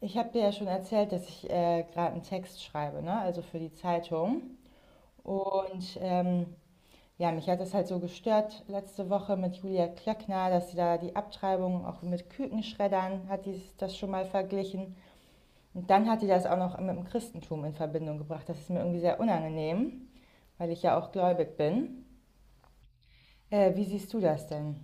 Ich habe dir ja schon erzählt, dass ich gerade einen Text schreibe, ne? Also für die Zeitung. Und ähm, ja, mich hat das halt so gestört letzte Woche mit Julia Klöckner, dass sie da die Abtreibung auch mit Kükenschreddern hat, die das schon mal verglichen. Und dann hat die das auch noch mit dem Christentum in Verbindung gebracht. Das ist mir irgendwie sehr unangenehm, weil ich ja auch gläubig bin. Wie siehst du das denn?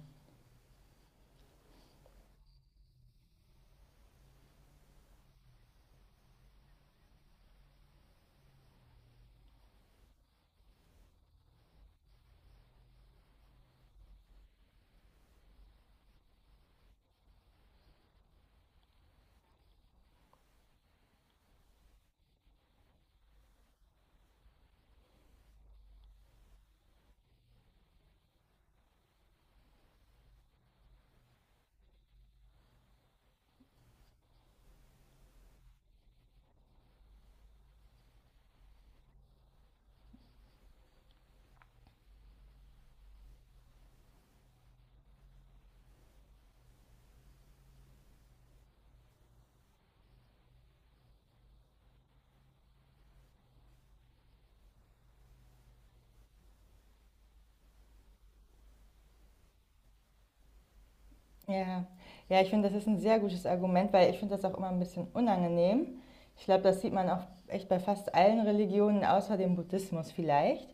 Ja, ja, ich finde, das ist ein sehr gutes Argument, weil ich finde das auch immer ein bisschen unangenehm. Ich glaube, das sieht man auch echt bei fast allen Religionen außer dem Buddhismus vielleicht,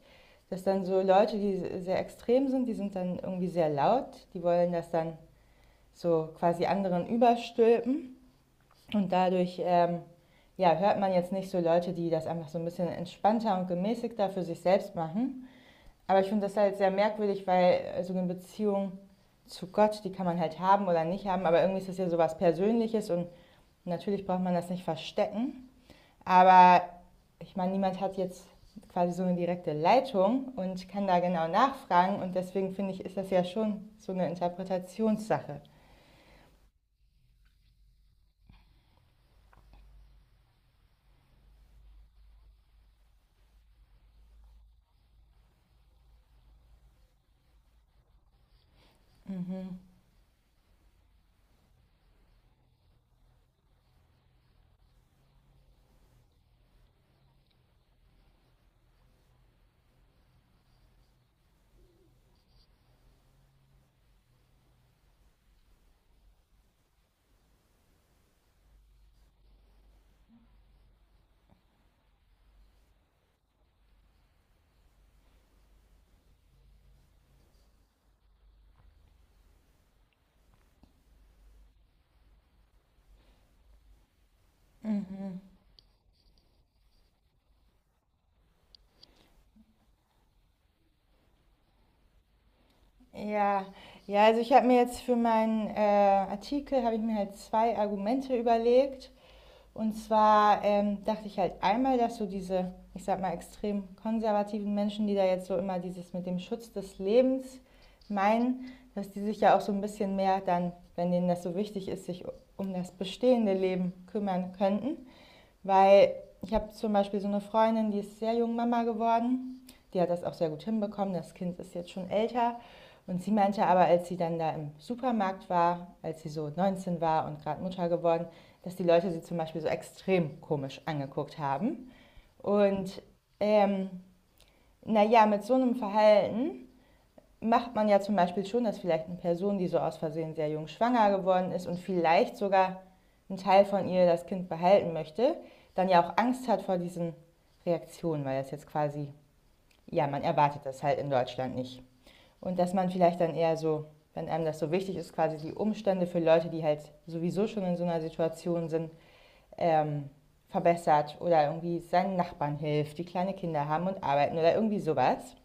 dass dann so Leute, die sehr extrem sind, die sind dann irgendwie sehr laut, die wollen das dann so quasi anderen überstülpen, und dadurch ja, hört man jetzt nicht so Leute, die das einfach so ein bisschen entspannter und gemäßigter für sich selbst machen. Aber ich finde das halt sehr merkwürdig, weil so eine Beziehung zu Gott, die kann man halt haben oder nicht haben, aber irgendwie ist das ja sowas Persönliches und natürlich braucht man das nicht verstecken. Aber ich meine, niemand hat jetzt quasi so eine direkte Leitung und kann da genau nachfragen, und deswegen finde ich, ist das ja schon so eine Interpretationssache. Mhm. Mhm. Ja, ja, also ich habe mir jetzt für meinen Artikel, habe ich mir halt zwei Argumente überlegt. Und zwar dachte ich halt einmal, dass so diese, ich sag mal, extrem konservativen Menschen, die da jetzt so immer dieses mit dem Schutz des Lebens meinen, dass die sich ja auch so ein bisschen mehr dann, wenn denen das so wichtig ist, sich um das bestehende Leben kümmern könnten. Weil ich habe zum Beispiel so eine Freundin, die ist sehr jung Mama geworden. Die hat das auch sehr gut hinbekommen. Das Kind ist jetzt schon älter. Und sie meinte aber, als sie dann da im Supermarkt war, als sie so 19 war und gerade Mutter geworden, dass die Leute sie zum Beispiel so extrem komisch angeguckt haben. Und ähm, naja, mit so einem Verhalten macht man ja zum Beispiel schon, dass vielleicht eine Person, die so aus Versehen sehr jung schwanger geworden ist und vielleicht sogar ein Teil von ihr das Kind behalten möchte, dann ja auch Angst hat vor diesen Reaktionen, weil das jetzt quasi, ja, man erwartet das halt in Deutschland nicht. Und dass man vielleicht dann eher so, wenn einem das so wichtig ist, quasi die Umstände für Leute, die halt sowieso schon in so einer Situation sind, ähm, verbessert oder irgendwie seinen Nachbarn hilft, die kleine Kinder haben und arbeiten oder irgendwie sowas.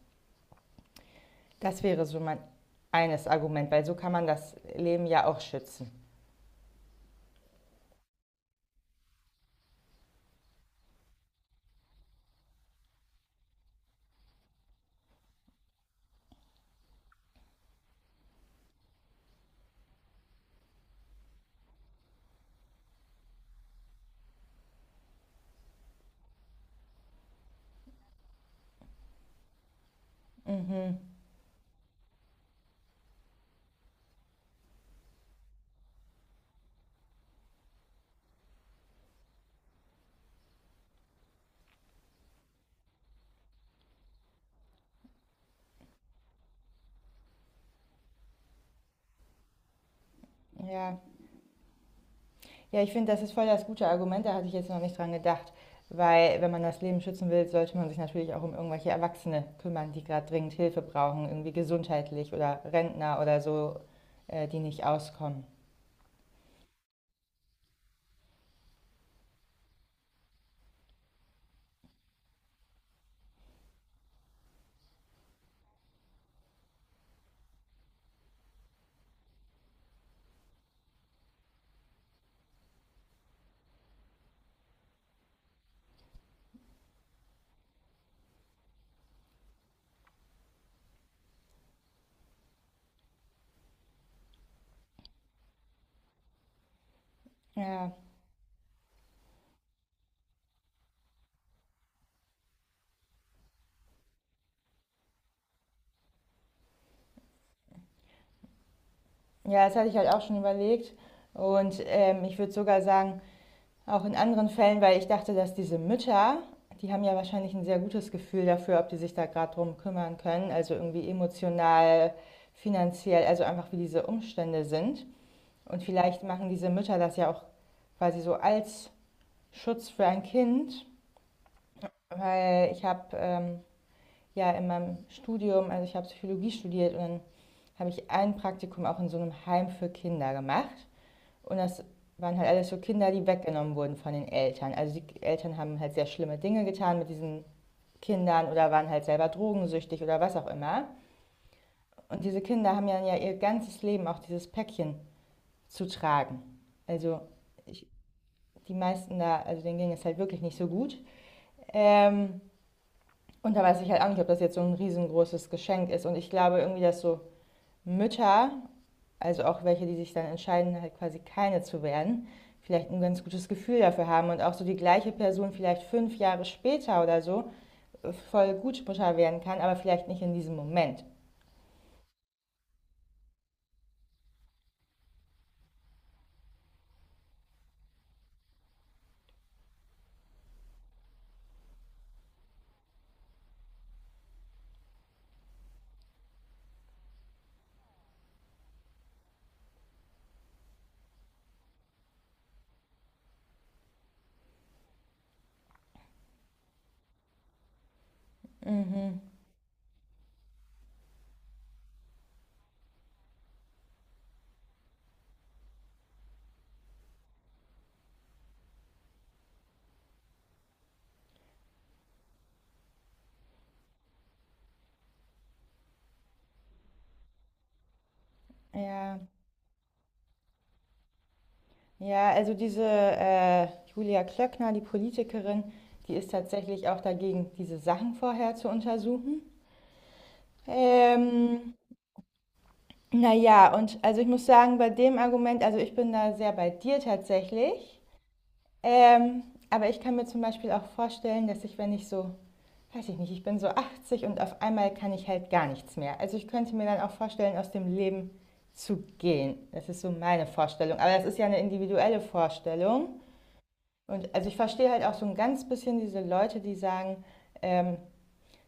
Das wäre so mein eines Argument, weil so kann man das Leben ja auch schützen. Mhm. Ja. Ja, ich finde, das ist voll das gute Argument, da hatte ich jetzt noch nicht dran gedacht. Weil wenn man das Leben schützen will, sollte man sich natürlich auch um irgendwelche Erwachsene kümmern, die gerade dringend Hilfe brauchen, irgendwie gesundheitlich oder Rentner oder so, die nicht auskommen. Ja. Ja, das hatte ich halt auch schon überlegt. Und ich würde sogar sagen, auch in anderen Fällen, weil ich dachte, dass diese Mütter, die haben ja wahrscheinlich ein sehr gutes Gefühl dafür, ob die sich da gerade drum kümmern können, also irgendwie emotional, finanziell, also einfach wie diese Umstände sind. Und vielleicht machen diese Mütter das ja auch quasi so als Schutz für ein Kind, weil ich habe ja in meinem Studium, also ich habe Psychologie studiert, und dann habe ich ein Praktikum auch in so einem Heim für Kinder gemacht. Und das waren halt alles so Kinder, die weggenommen wurden von den Eltern. Also die Eltern haben halt sehr schlimme Dinge getan mit diesen Kindern oder waren halt selber drogensüchtig oder was auch immer. Und diese Kinder haben ja ihr ganzes Leben auch dieses Päckchen zu tragen. Also ich, die meisten da, also denen ging es halt wirklich nicht so gut. Ähm, und da weiß ich halt auch nicht, ob das jetzt so ein riesengroßes Geschenk ist. Und ich glaube irgendwie, dass so Mütter, also auch welche, die sich dann entscheiden, halt quasi keine zu werden, vielleicht ein ganz gutes Gefühl dafür haben und auch so die gleiche Person vielleicht fünf Jahre später oder so voll Gutsprücher werden kann, aber vielleicht nicht in diesem Moment. Mhm. Ja, ja, also diese Julia Klöckner, die Politikerin, die ist tatsächlich auch dagegen, diese Sachen vorher zu untersuchen. Ähm, naja, und also ich muss sagen, bei dem Argument, also ich bin da sehr bei dir tatsächlich. Ähm, aber ich kann mir zum Beispiel auch vorstellen, dass ich, wenn ich so, weiß ich nicht, ich bin so 80 und auf einmal kann ich halt gar nichts mehr. Also ich könnte mir dann auch vorstellen, aus dem Leben zu gehen. Das ist so meine Vorstellung. Aber das ist ja eine individuelle Vorstellung. Und also ich verstehe halt auch so ein ganz bisschen diese Leute, die sagen, ähm,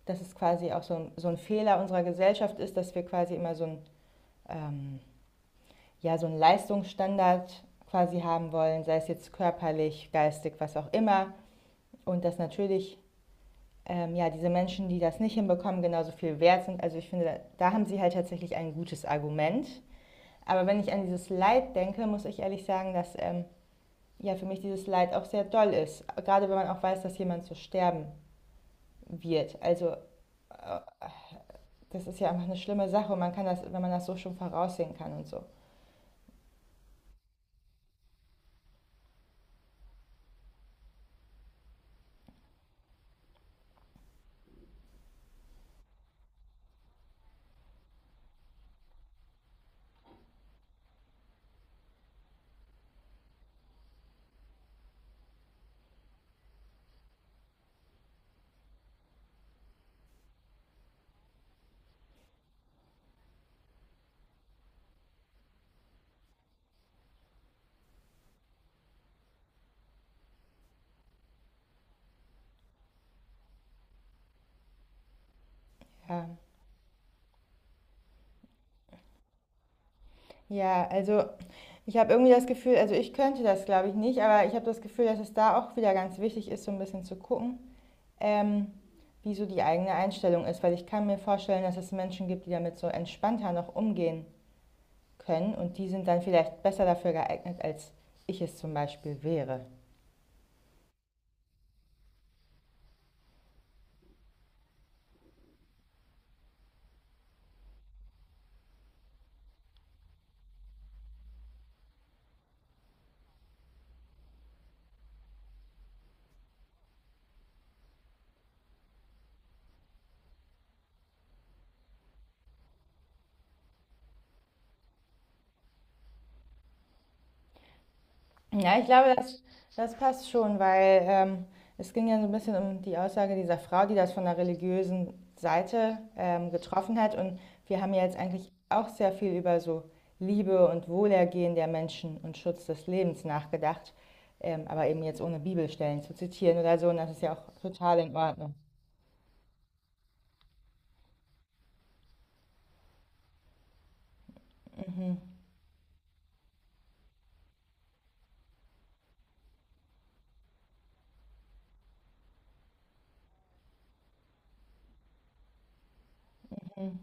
dass es quasi auch so ein Fehler unserer Gesellschaft ist, dass wir quasi immer so ein, ähm, ja, so einen Leistungsstandard quasi haben wollen, sei es jetzt körperlich, geistig, was auch immer. Und dass natürlich ja, diese Menschen, die das nicht hinbekommen, genauso viel wert sind. Also ich finde, da haben sie halt tatsächlich ein gutes Argument. Aber wenn ich an dieses Leid denke, muss ich ehrlich sagen, dass ja, für mich dieses Leid auch sehr doll ist. Gerade wenn man auch weiß, dass jemand so sterben wird. Also äh, das ist ja einfach eine schlimme Sache, und man kann das, wenn man das so schon voraussehen kann und so. Ja. Ja, also ich habe irgendwie das Gefühl, also ich könnte das glaube ich nicht, aber ich habe das Gefühl, dass es da auch wieder ganz wichtig ist, so ein bisschen zu gucken, Ähm, wie so die eigene Einstellung ist, weil ich kann mir vorstellen, dass es Menschen gibt, die damit so entspannter noch umgehen können, und die sind dann vielleicht besser dafür geeignet, als ich es zum Beispiel wäre. Ja, ich glaube, das, das passt schon, weil es ging ja so ein bisschen um die Aussage dieser Frau, die das von der religiösen Seite getroffen hat. Und wir haben ja jetzt eigentlich auch sehr viel über so Liebe und Wohlergehen der Menschen und Schutz des Lebens nachgedacht, aber eben jetzt ohne Bibelstellen zu zitieren oder so. Und das ist ja auch total in Ordnung. Mhm.